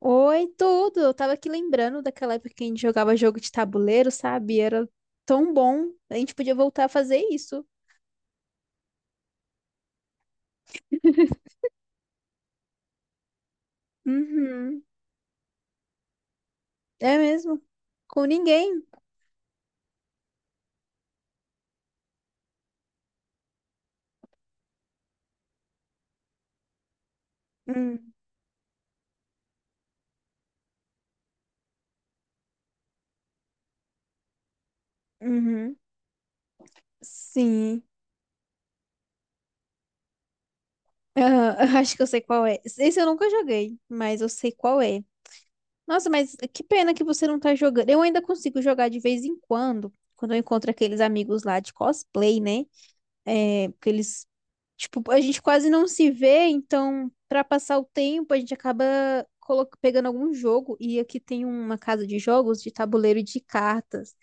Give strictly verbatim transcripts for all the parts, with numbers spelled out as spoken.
Oi, tudo! Eu tava aqui lembrando daquela época que a gente jogava jogo de tabuleiro, sabe? Era tão bom. A gente podia voltar a fazer isso. Uhum. É mesmo? Com ninguém. Hum. Uhum. Sim. Aham, eu acho que eu sei qual é. Esse eu nunca joguei, mas eu sei qual é. Nossa, mas que pena que você não tá jogando. Eu ainda consigo jogar de vez em quando, quando eu encontro aqueles amigos lá de cosplay, né? É, porque eles tipo, a gente quase não se vê, então, pra passar o tempo, a gente acaba colo- pegando algum jogo. E aqui tem uma casa de jogos de tabuleiro e de cartas.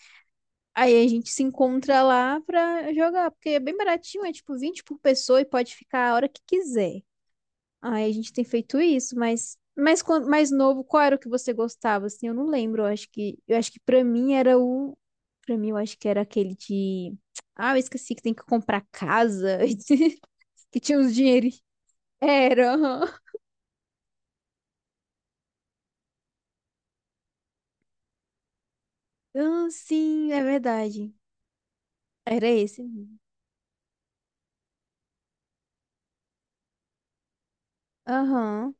Aí a gente se encontra lá pra jogar, porque é bem baratinho, é tipo vinte por pessoa e pode ficar a hora que quiser. Aí a gente tem feito isso, mas mas quan- mais novo, qual era o que você gostava? Assim, eu não lembro. Eu acho que eu acho que para mim era o para mim eu acho que era aquele de ah, eu esqueci que tem que comprar casa, que tinha uns dinheirinhos. Era, aham. Ah, sim, é verdade. Era esse. Aham.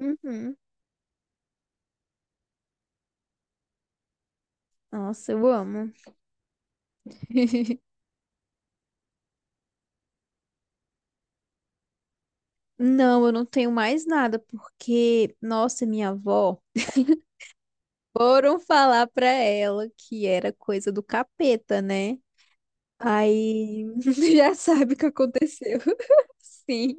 Uhum. Nossa, eu amo. Não, eu não tenho mais nada, porque, nossa, minha avó, foram falar pra ela que era coisa do capeta, né? Aí, já sabe o que aconteceu. Sim.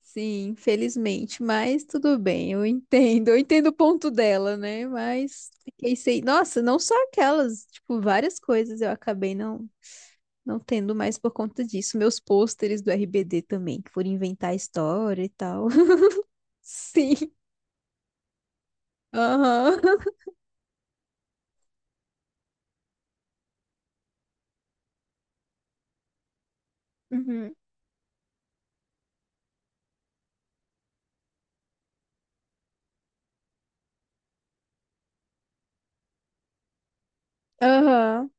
Sim, infelizmente, mas tudo bem, eu entendo, eu entendo o ponto dela, né? Mas fiquei sem. Nossa, não só aquelas, tipo, várias coisas eu acabei não, não tendo mais por conta disso. Meus pôsteres do R B D também, que foram inventar história e tal. Sim, aham. Uhum. Aham,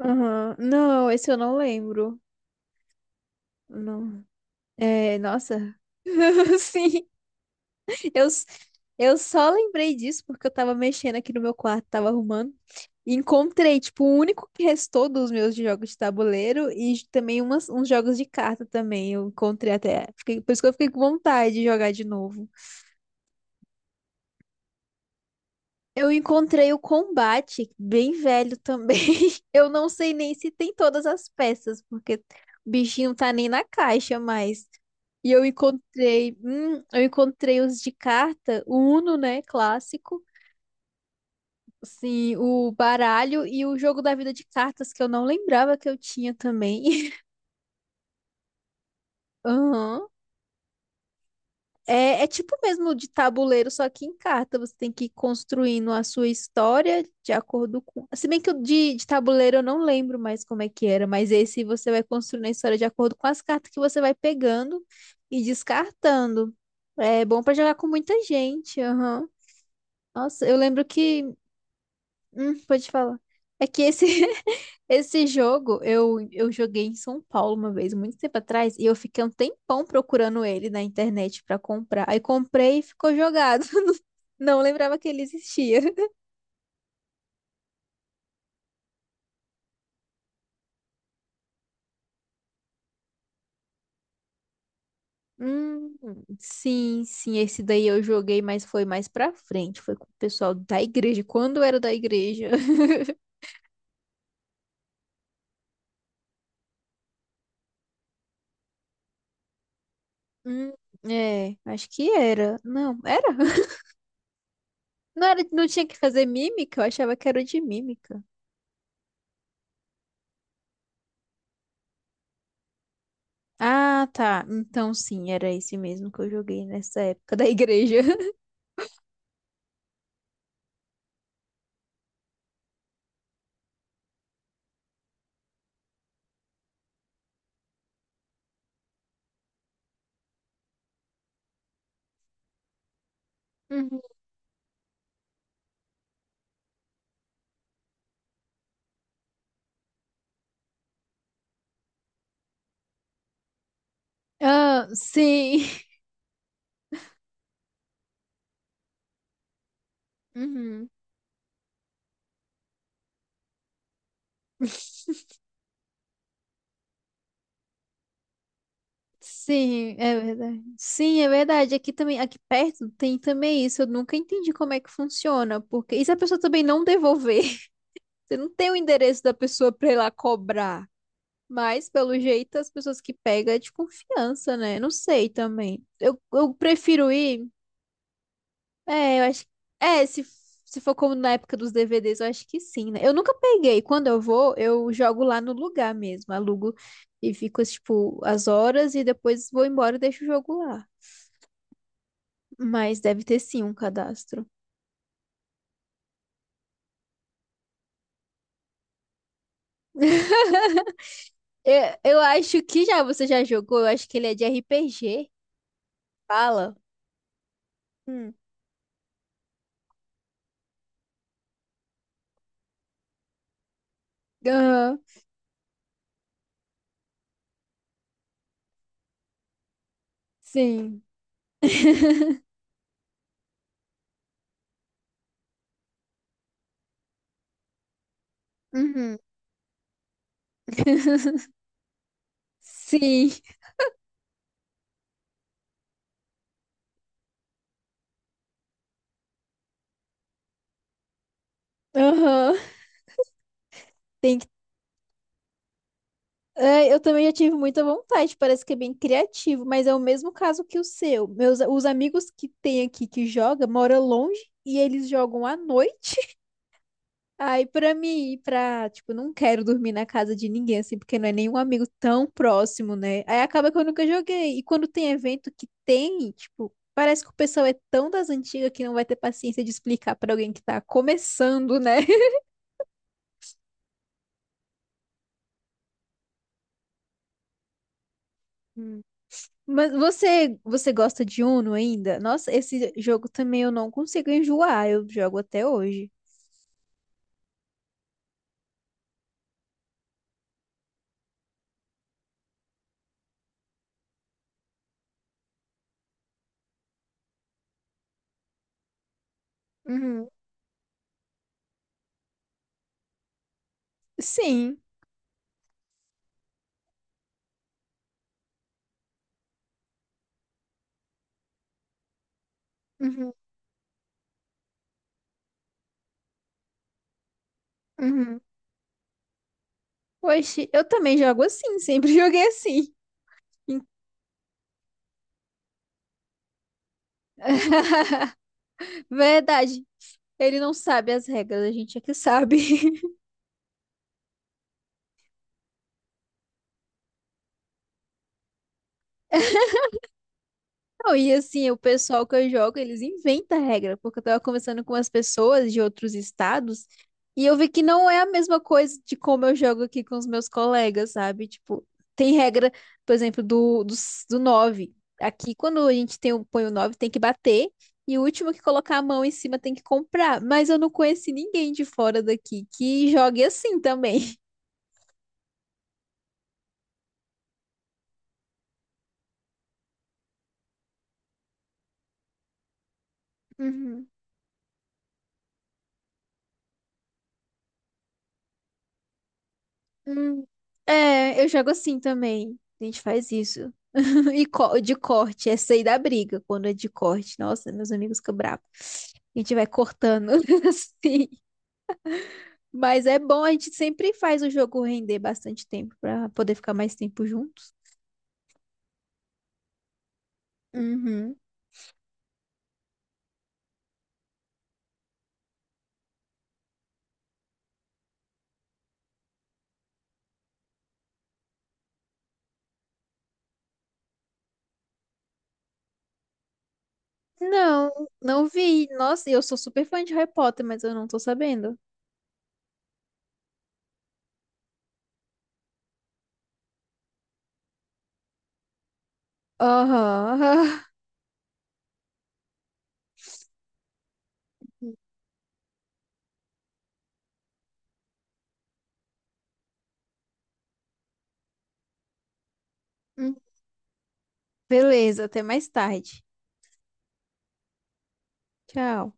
aham. Não, esse eu não lembro. Não. É, nossa. Sim. Eu, s- eu só lembrei disso porque eu tava mexendo aqui no meu quarto, tava arrumando. E encontrei, tipo, o único que restou dos meus de jogos de tabuleiro e j- também umas, uns jogos de carta também. Eu encontrei até. Fiquei, por isso que eu fiquei com vontade de jogar de novo. Eu encontrei o combate, bem velho também. Eu não sei nem se tem todas as peças, porque o bichinho não tá nem na caixa mais. E eu encontrei, hum, eu encontrei os de carta, o Uno, né, clássico. Sim, o baralho e o jogo da vida de cartas que eu não lembrava que eu tinha também. Aham. É, é tipo mesmo de tabuleiro, só que em carta. Você tem que ir construindo a sua história de acordo com. Se bem que o de, de tabuleiro eu não lembro mais como é que era, mas esse você vai construindo a história de acordo com as cartas que você vai pegando e descartando. É bom pra jogar com muita gente. Aham. Nossa, eu lembro que hum, pode falar. É que esse, esse jogo eu, eu joguei em São Paulo uma vez, muito tempo atrás, e eu fiquei um tempão procurando ele na internet pra comprar. Aí comprei e ficou jogado. Não lembrava que ele existia. Hum, sim, sim, esse daí eu joguei, mas foi mais pra frente. Foi com o pessoal da igreja, quando eu era da igreja. Hum, é, acho que era. Não, era? Não era, não tinha que fazer mímica? Eu achava que era o de mímica. Ah, tá. Então sim, era esse mesmo que eu joguei nessa época da igreja. Uhum. Ah, sim. Uhum. Sim, é verdade. Sim, é verdade. Aqui também, aqui perto tem também isso. Eu nunca entendi como é que funciona, porque e se a pessoa também não devolver? Você não tem o endereço da pessoa pra ir lá cobrar. Mas, pelo jeito, as pessoas que pegam é de confiança, né? Não sei também. Eu, eu prefiro ir. É, eu acho. É, se, se for como na época dos D V Ds, eu acho que sim, né? Eu nunca peguei. Quando eu vou, eu jogo lá no lugar mesmo. Alugo e fico, tipo, as horas e depois vou embora e deixo o jogo lá. Mas deve ter sim um cadastro. Eu, eu acho que já você já jogou. Eu acho que ele é de R P G. Fala. Hum. Aham. Sim. Uhum. Sim, aham. Tem que... Ai, eu também já tive muita vontade, parece que é bem criativo, mas é o mesmo caso que o seu. Meus, os amigos que tem aqui que joga moram longe e eles jogam à noite. Aí pra mim ir pra, tipo, não quero dormir na casa de ninguém assim, porque não é nenhum amigo tão próximo, né? Aí acaba que eu nunca joguei. E quando tem evento que tem, tipo, parece que o pessoal é tão das antigas que não vai ter paciência de explicar pra alguém que tá começando, né? Mas você, você gosta de Uno ainda? Nossa, esse jogo também eu não consigo enjoar, eu jogo até hoje. Uhum. Sim. uhum, uhum. Oxe, eu também jogo assim, sempre joguei assim. Verdade. Ele não sabe as regras, a gente é que sabe. Não, e assim, o pessoal que eu jogo, eles inventam regra, porque eu tava conversando com as pessoas de outros estados e eu vi que não é a mesma coisa de como eu jogo aqui com os meus colegas, sabe? Tipo, tem regra, por exemplo, do, do, s- do nove. Aqui, quando a gente tem o, põe o nove tem que bater e o último que colocar a mão em cima tem que comprar. Mas eu não conheci ninguém de fora daqui que jogue assim também. Uhum. Hum. É, eu jogo assim também. A gente faz isso. E co- de corte, essa aí da briga, quando é de corte. Nossa, meus amigos ficam bravos. A gente vai cortando assim. Mas é bom, a gente sempre faz o jogo render bastante tempo pra poder ficar mais tempo juntos. Uhum. Não, não vi. Nossa, e eu sou super fã de Harry Potter, mas eu não tô sabendo. Aham. Aham. Hum. Beleza, até mais tarde. Tchau.